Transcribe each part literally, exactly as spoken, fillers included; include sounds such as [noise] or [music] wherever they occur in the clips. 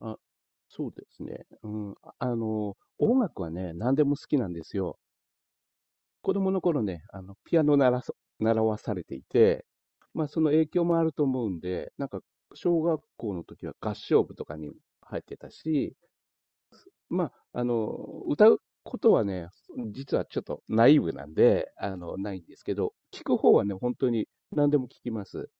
あ、そうですね。うん。ああの、音楽はね、何でも好きなんですよ。子供の頃ね、あの、ピアノなそ習わされていて、まあ、その影響もあると思うんで、なんか、小学校の時は合唱部とかに入ってたし、まあ、あの、歌うことはね、実はちょっとナイーブなんで、あの、ないんですけど、聞く方はね、本当に何でも聞きます。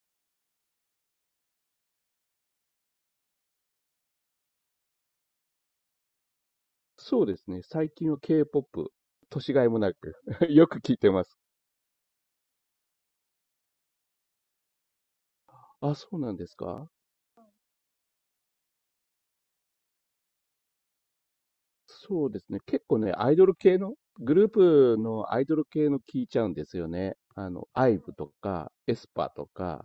そうですね。最近は K-ポップ、年がいもなく [laughs] よく聞いてます。あ、そうなんですか。そうですね。結構ね、アイドル系の、グループのアイドル系の聞いちゃうんですよね。あの、アイブ とか、エスパーとか、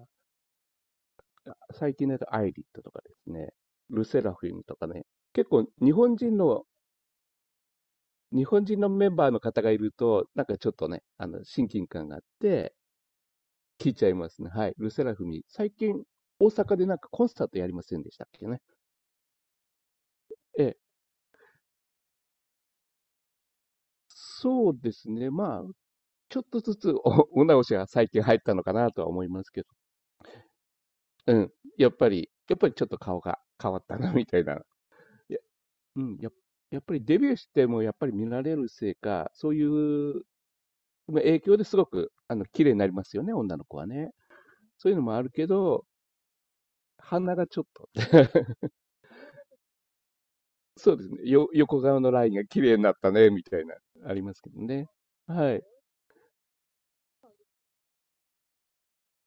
最近だとアイリットとかですね。ルセラフィムとかね。結構日本人の、日本人のメンバーの方がいると、なんかちょっとね、あの、親近感があって、聞いちゃいますね。はい。ルセラフィム、最近、大阪でなんかコンサートやりませんでしたっけね。ええ。そうですね。まあ、ちょっとずつお、お直しが最近入ったのかなとは思いますけど。うん、やっぱり、やっぱりちょっと顔が変わったな、みたいな。いや、うん、やっやっぱりデビューしてもやっぱり見られるせいか、そういうまあ影響ですごく、あの、綺麗になりますよね、女の子はね。そういうのもあるけど、鼻がちょっと、[laughs] そうですね、よ、横顔のラインが綺麗になったね、みたいな、ありますけどね。はい。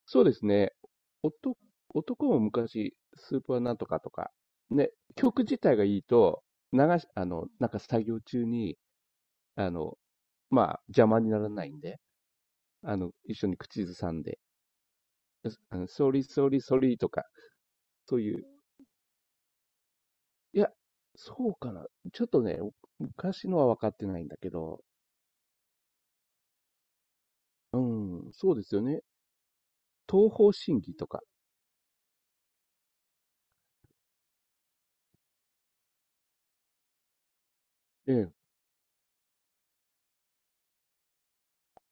そうですね。男、男も昔、スーパーなんとかとか、ね、曲自体がいいと、流し、あの、なんか作業中に、あの、まあ、邪魔にならないんで、あの、一緒に口ずさんで、あの、ソリソリソリとか、そういう、いや、そうかな。ちょっとね、昔のは分かってないんだけど、うん、そうですよね。東方神起とか、ええ、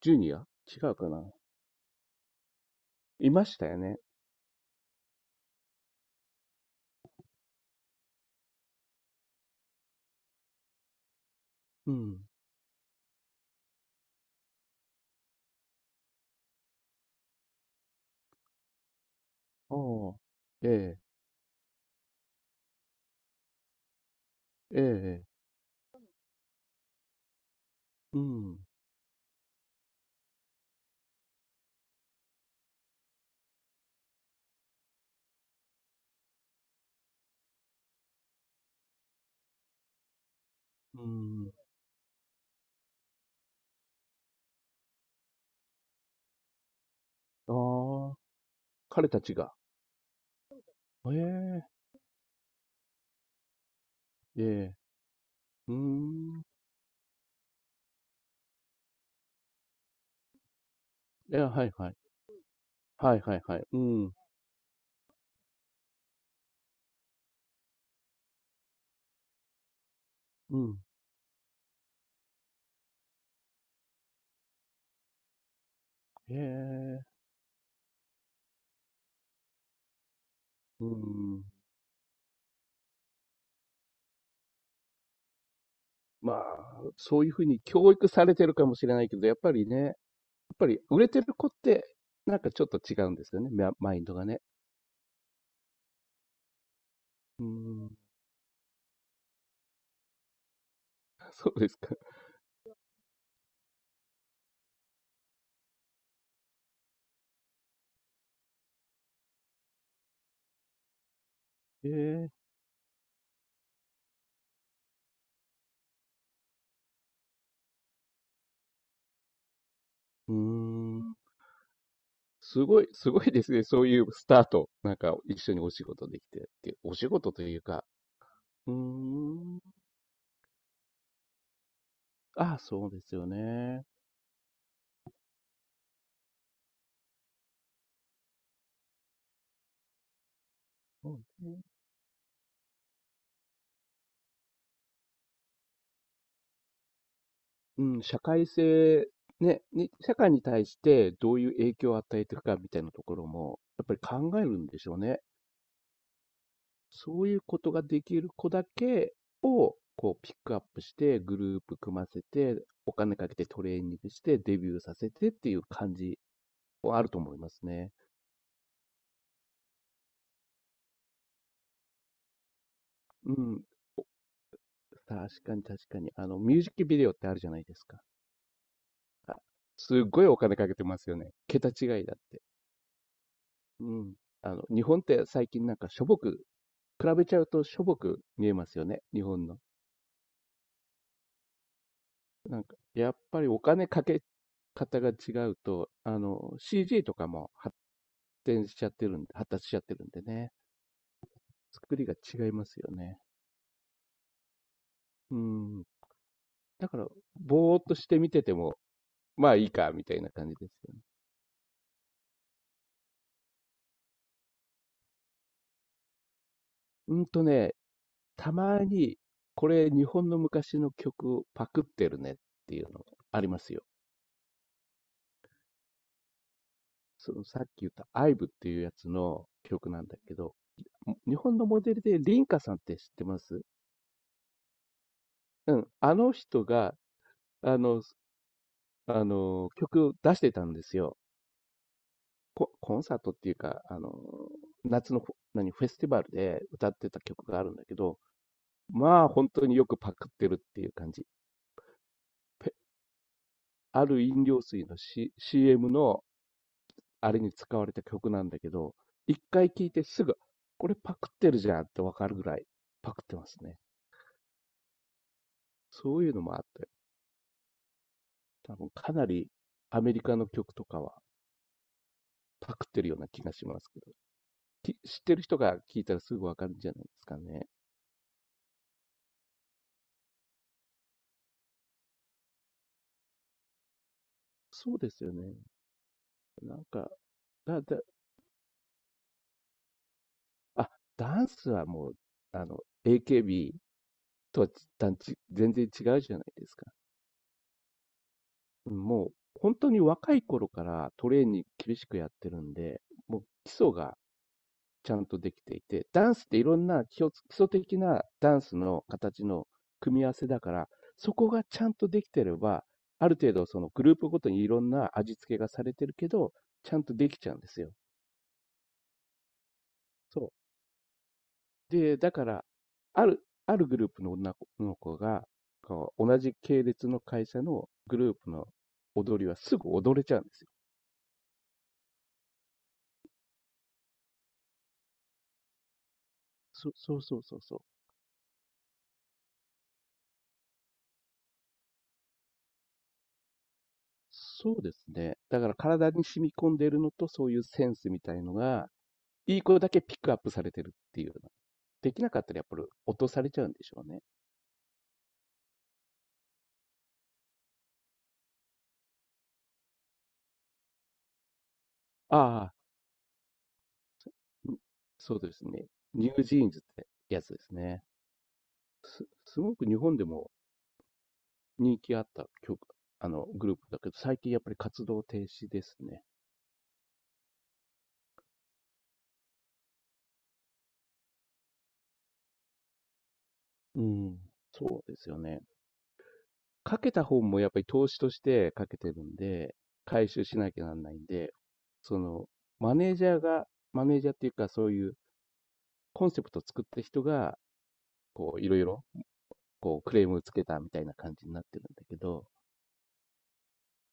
ジュニア違うかな。いましたよね。うん。ああ、ええ、ええ、うん、うん。ああ、彼たちが。ええ、ええ、うーん。ええ、はいはい。はいはいはい。うん、うん。ええ。うーん。まあ、そういう風に教育されてるかもしれないけど、やっぱりね、やっぱり売れてる子って、なんかちょっと違うんですよね、ママインドがね。うーん。そうですか。へえ。うーん。すごいすごいですね、そういうスタート。なんか一緒にお仕事できてって、お仕事というか、うーん。ああ、そうですよね。そうね。うん、社会性、ね、に社会に対してどういう影響を与えていくかみたいなところも、やっぱり考えるんでしょうね。そういうことができる子だけを、こうピックアップして、グループ組ませて、お金かけてトレーニングして、デビューさせてっていう感じはあると思いますね。うん。確かに確かに。あの、ミュージックビデオってあるじゃないですか。あ、すっごいお金かけてますよね。桁違いだって。うん。あの、日本って最近なんかしょぼく、比べちゃうとしょぼく見えますよね、日本の。なんか、やっぱりお金かけ方が違うと、あの、シージー とかも展しちゃってるんで、発達しちゃってるんでね。作りが違いますよね。うん。だから、ぼーっとして見てても、まあいいか、みたいな感じですよね。うんとね、たまに、これ日本の昔の曲をパクってるねっていうのがありますよ。そのさっき言ったアイブっていうやつの曲なんだけど、日本のモデルでリンカさんって知ってます？うん。あの人が、あの、あの、曲を出してたんですよ。ココンサートっていうか、あの、夏のフ何、フェスティバルで歌ってた曲があるんだけど、まあ本当によくパクってるっていう感じ。ペある飲料水の、C、シーエム のあれに使われた曲なんだけど、一回聴いてすぐ、これパクってるじゃんってわかるぐらいパクってますね。そういうのもあって、多分かなりアメリカの曲とかはパクってるような気がしますけど、き知ってる人が聴いたらすぐわかるんじゃないですかね。そうですよね。なんか、だ、だ、あ、ダンスはもう、あの、エーケービー とは全然違うじゃないですか。うんもう、本当に若い頃からトレーニング厳しくやってるんで、もう基礎がちゃんとできていて、ダンスっていろんな基礎基礎的なダンスの形の組み合わせだから、そこがちゃんとできてれば、ある程度そのグループごとにいろんな味付けがされてるけど、ちゃんとできちゃうんですよ。そう。で、だから、ある、あるグループの女の子が、こう、同じ系列の会社のグループの踊りはすぐ踊れちゃうんですよ。そ、そうそうそうそう。そうですね。だから体に染み込んでいるのと、そういうセンスみたいのが、いい子だけピックアップされてるっていうような。できなかったらやっぱり落とされちゃうんでしょうね。ああ、んそうですね。ニュージーンズってやつですね。す、すごく日本でも人気あった曲、あの、グループだけど、最近やっぱり活動停止ですね。うん。そうですよね。かけた方もやっぱり投資としてかけてるんで、回収しなきゃなんないんで、その、マネージャーが、マネージャーっていうかそういうコンセプトを作った人が、こう、いろいろ、こう、クレームをつけたみたいな感じになってるんだけど、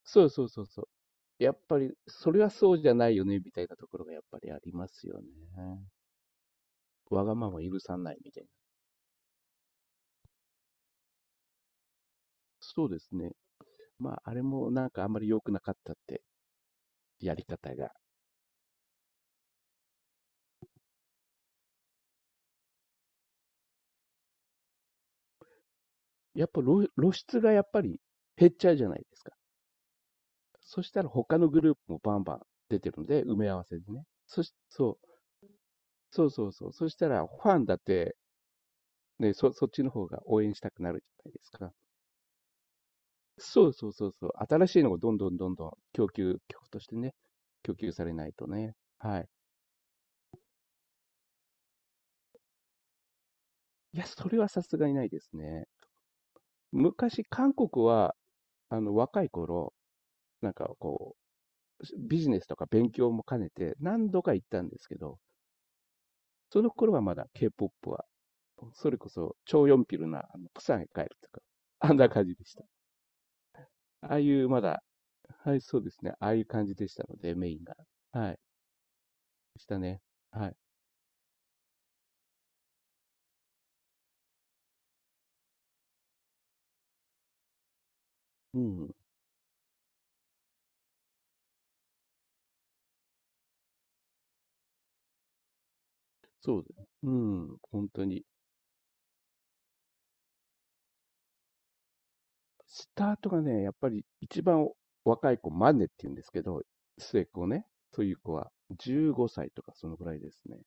そうそうそうそう。やっぱり、それはそうじゃないよね、みたいなところがやっぱりありますよね。わがまま許さないみたいな。そうですね。まあ、あれもなんかあんまり良くなかったって、やり方が。やっぱ露露出がやっぱり減っちゃうじゃないですか。そしたら他のグループもバンバン出てるんで、埋め合わせでね。そし、そう、そうそうそう。そしたらファンだって、ね、そ、そっちの方が応援したくなるじゃないですか。そうそうそうそう。新しいのがどんどんどんどん供給、曲としてね、供給されないとね。はい。いや、それはさすがにないですね。昔、韓国は、あの、若い頃、なんかこう、ビジネスとか勉強も兼ねて何度か行ったんですけど、その頃はまだ K-ポップ は、それこそ超ヨンピルな、あの、プサンへ帰るとか、あんな感じでした。ああいうまだ、はい、そうですね。ああいう感じでしたので、メインが。はい、でしたね。はい。うん、そうですね。うん、本当に。スタートがね、やっぱり一番若い子、マネって言うんですけど、末っ子ね、そういう子はじゅうごさいとかそのぐらいですね。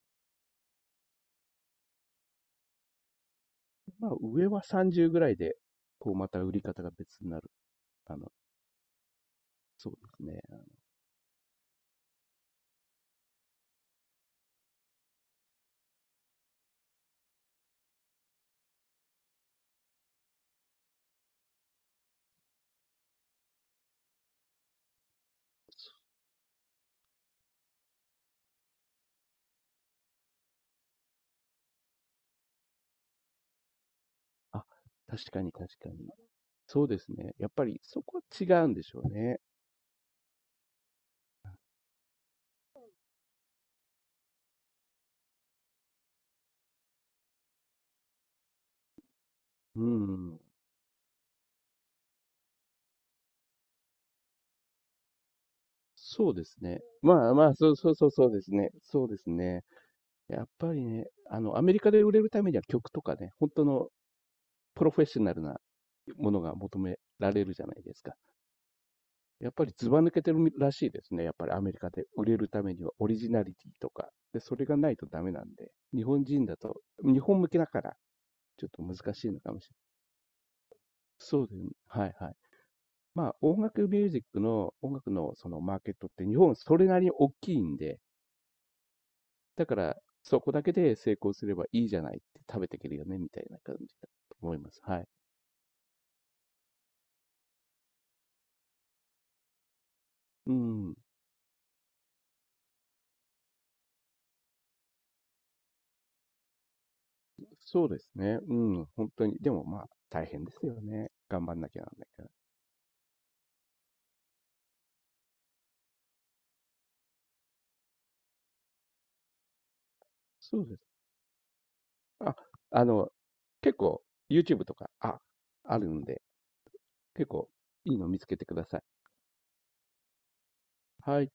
まあ、上はさんじゅうぐらいで、こう、また売り方が別になる。あの、そうですね。あ、確かに確かに。そうですね。やっぱりそこは違うんでしょうね。うん。そうですね。まあまあ、そうそうそうそうですね。そうですね。やっぱりね、あの、アメリカで売れるためには曲とかね、本当のプロフェッショナルなものが求められるじゃないですか。やっぱりずば抜けてるらしいですね。やっぱりアメリカで売れるためにはオリジナリティとか。で、それがないとダメなんで、日本人だと、日本向けだから、ちょっと難しいのかもしれない。そうですね。はいはい。まあ、音楽ミュージックの、音楽のそのマーケットって日本それなりに大きいんで、だからそこだけで成功すればいいじゃないって食べていけるよね、みたいな感じだと思います。はい。うん。そうですね。うん。本当に。でもまあ、大変ですよね。頑張んなきゃなんないから。そうですね。あ、あの、結構 YouTube とか、あ、あるんで、結構いいの見つけてください。はい。